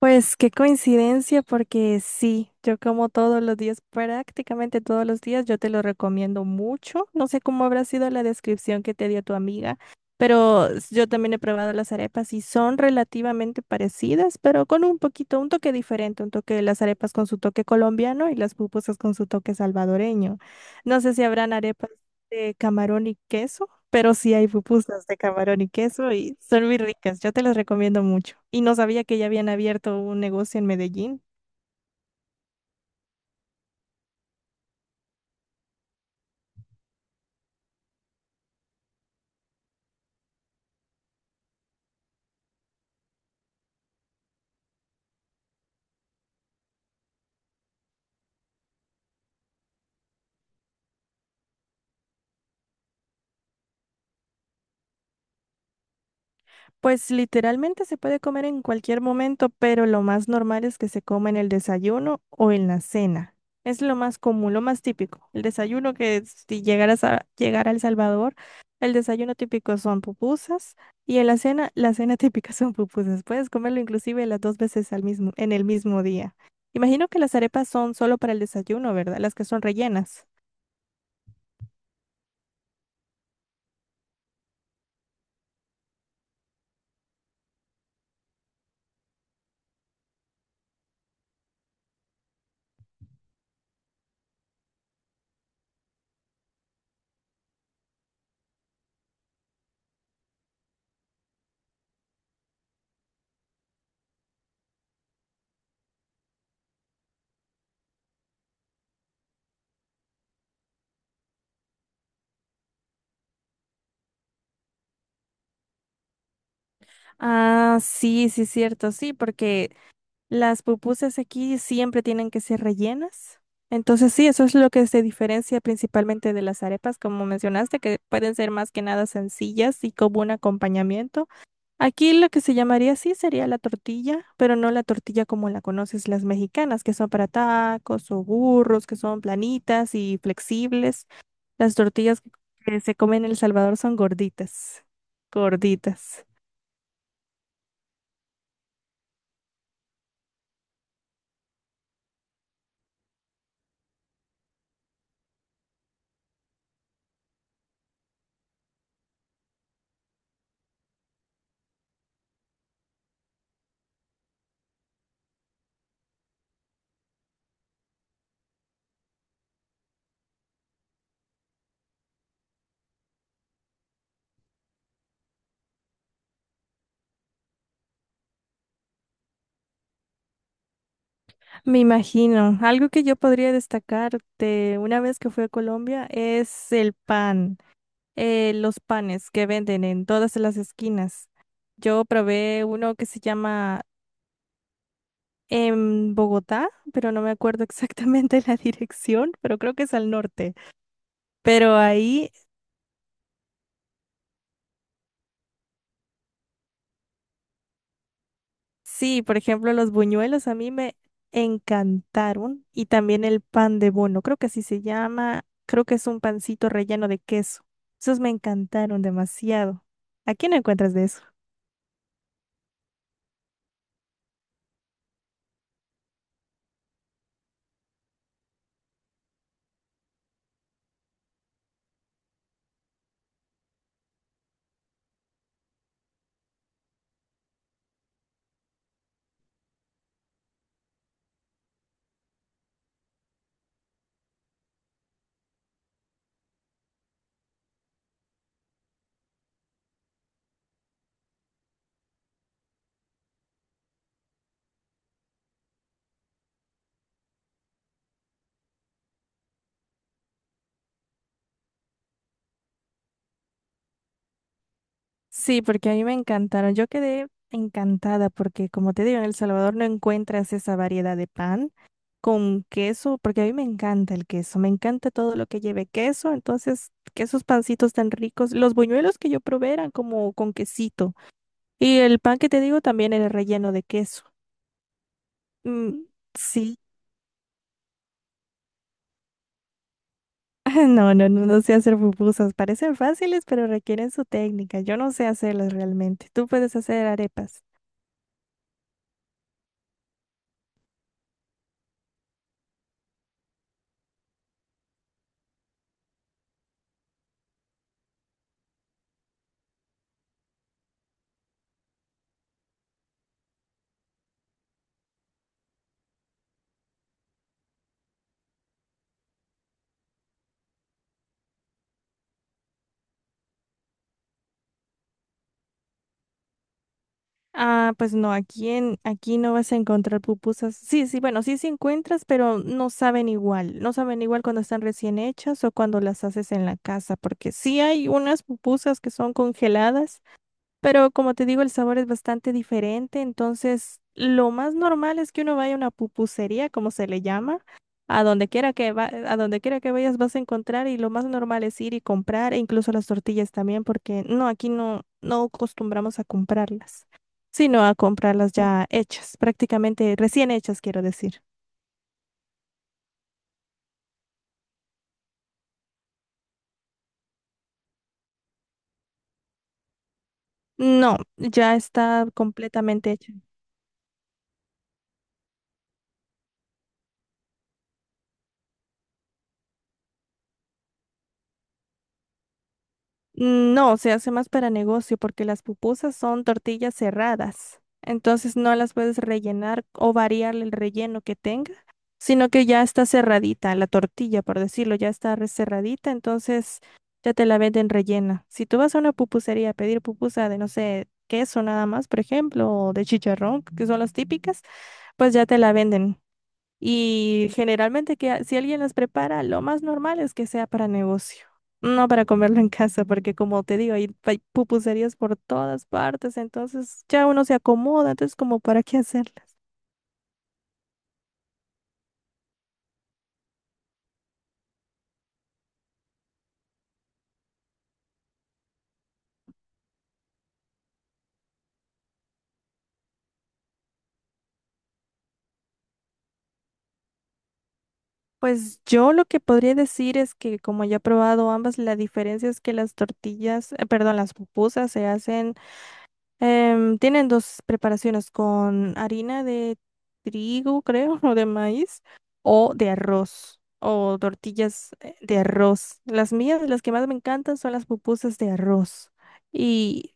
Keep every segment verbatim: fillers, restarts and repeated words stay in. Pues qué coincidencia, porque sí, yo como todos los días, prácticamente todos los días, yo te lo recomiendo mucho. No sé cómo habrá sido la descripción que te dio tu amiga, pero s- yo también he probado las arepas y son relativamente parecidas, pero con un poquito, un toque diferente, un toque de las arepas con su toque colombiano y las pupusas con su toque salvadoreño. No sé si habrán arepas de camarón y queso. Pero sí hay pupusas de camarón y queso y son muy ricas. Yo te las recomiendo mucho. Y no sabía que ya habían abierto un negocio en Medellín. Pues literalmente se puede comer en cualquier momento, pero lo más normal es que se coma en el desayuno o en la cena. Es lo más común, lo más típico. El desayuno, que si llegaras a llegar a El Salvador, el desayuno típico son pupusas, y en la cena, la cena típica son pupusas. Puedes comerlo inclusive las dos veces al mismo, en el mismo día. Imagino que las arepas son solo para el desayuno, ¿verdad? Las que son rellenas. Ah, sí, sí, cierto, sí, porque las pupusas aquí siempre tienen que ser rellenas. Entonces sí, eso es lo que se diferencia principalmente de las arepas, como mencionaste, que pueden ser más que nada sencillas y como un acompañamiento. Aquí lo que se llamaría sí sería la tortilla, pero no la tortilla como la conoces, las mexicanas, que son para tacos o burros, que son planitas y flexibles. Las tortillas que se comen en El Salvador son gorditas, gorditas. Me imagino. Algo que yo podría destacar de una vez que fui a Colombia es el pan, eh, los panes que venden en todas las esquinas. Yo probé uno que se llama en Bogotá, pero no me acuerdo exactamente la dirección, pero creo que es al norte. Pero ahí Sí, por ejemplo, los buñuelos a mí me encantaron y también el pan de bono, creo que así se llama, creo que es un pancito relleno de queso. Esos me encantaron demasiado. ¿A quién encuentras de eso? Sí, porque a mí me encantaron. Yo quedé encantada porque, como te digo, en El Salvador no encuentras esa variedad de pan con queso, porque a mí me encanta el queso, me encanta todo lo que lleve queso, entonces que esos pancitos tan ricos, los buñuelos que yo probé eran como con quesito. Y el pan que te digo también era relleno de queso. Mm, sí. No, no, no, no sé hacer pupusas. Parecen fáciles, pero requieren su técnica. Yo no sé hacerlas realmente. Tú puedes hacer arepas. Ah, pues no, aquí en, aquí no vas a encontrar pupusas. Sí, sí, bueno, sí, sí encuentras, pero no saben igual. No saben igual cuando están recién hechas o cuando las haces en la casa, porque sí hay unas pupusas que son congeladas. Pero como te digo, el sabor es bastante diferente, entonces lo más normal es que uno vaya a una pupusería, como se le llama, a donde quiera que va, a donde quiera que vayas vas a encontrar, y lo más normal es ir y comprar, e incluso las tortillas también, porque no, aquí no, no acostumbramos a comprarlas, sino a comprarlas ya hechas, prácticamente recién hechas, quiero decir. No, ya está completamente hecha. Mm, No, se hace más para negocio porque las pupusas son tortillas cerradas. Entonces no las puedes rellenar o variarle el relleno que tenga, sino que ya está cerradita la tortilla, por decirlo, ya está re- cerradita, entonces ya te la venden rellena. Si tú vas a una pupusería a pedir pupusa de, no sé, queso nada más, por ejemplo, o de chicharrón, que son las típicas, pues ya te la venden. Y generalmente que a- si alguien las prepara, lo más normal es que sea para negocio, no para comerlo en casa, porque como te digo, hay, hay pupuserías por todas partes, entonces ya uno se acomoda, entonces como para qué hacerlas. Pues yo lo que podría decir es que como ya he probado ambas, la diferencia es que las tortillas, eh, perdón, las pupusas se hacen Em, tienen dos preparaciones con harina de trigo, creo, o de maíz, o de arroz, o tortillas eh, de arroz. Las mías, las que más me encantan son las pupusas de arroz. Y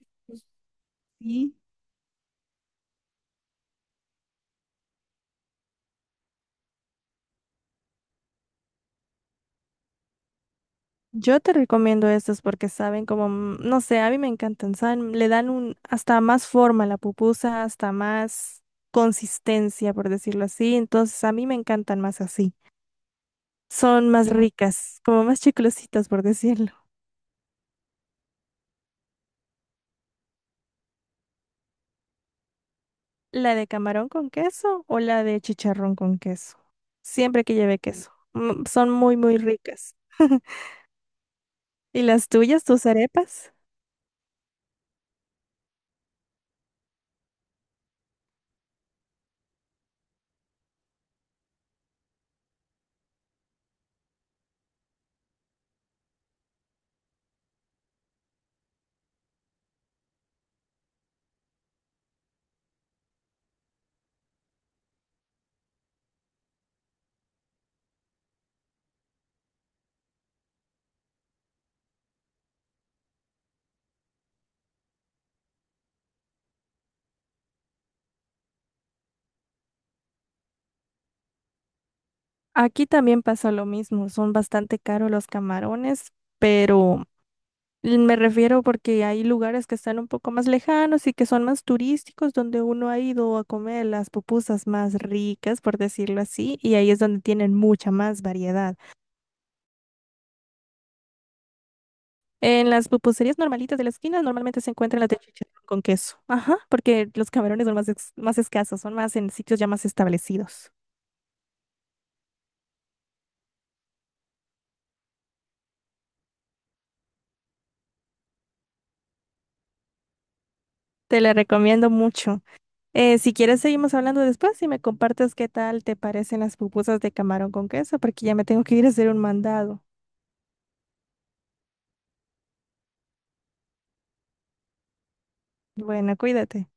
yo te recomiendo estas porque saben como, mm, no sé, a mí me encantan, saben, le dan un, hasta más forma a la pupusa, hasta más consistencia, por decirlo así. Entonces, a mí me encantan más así. Son más Mm. ricas, como más chiclositas, por decirlo. ¿La de camarón con queso o la de chicharrón con queso? Siempre que lleve queso. Mm, Son muy, muy ricas. ¿Y las tuyas, tus arepas? Aquí también pasa lo mismo, son bastante caros los camarones, pero me refiero porque hay lugares que están un poco más lejanos y que son más turísticos, donde uno ha ido a comer las pupusas más ricas, por decirlo así, y ahí es donde tienen mucha más variedad. En las pupuserías normalitas de la esquina normalmente se encuentran las de chicharrón con queso. Ajá, porque los camarones son más, ex- más escasos, son más en sitios ya más establecidos. Te la recomiendo mucho. Eh, si quieres, seguimos hablando después y me compartes qué tal te parecen las pupusas de camarón con queso, porque ya me tengo que ir a hacer un mandado. Bueno, cuídate.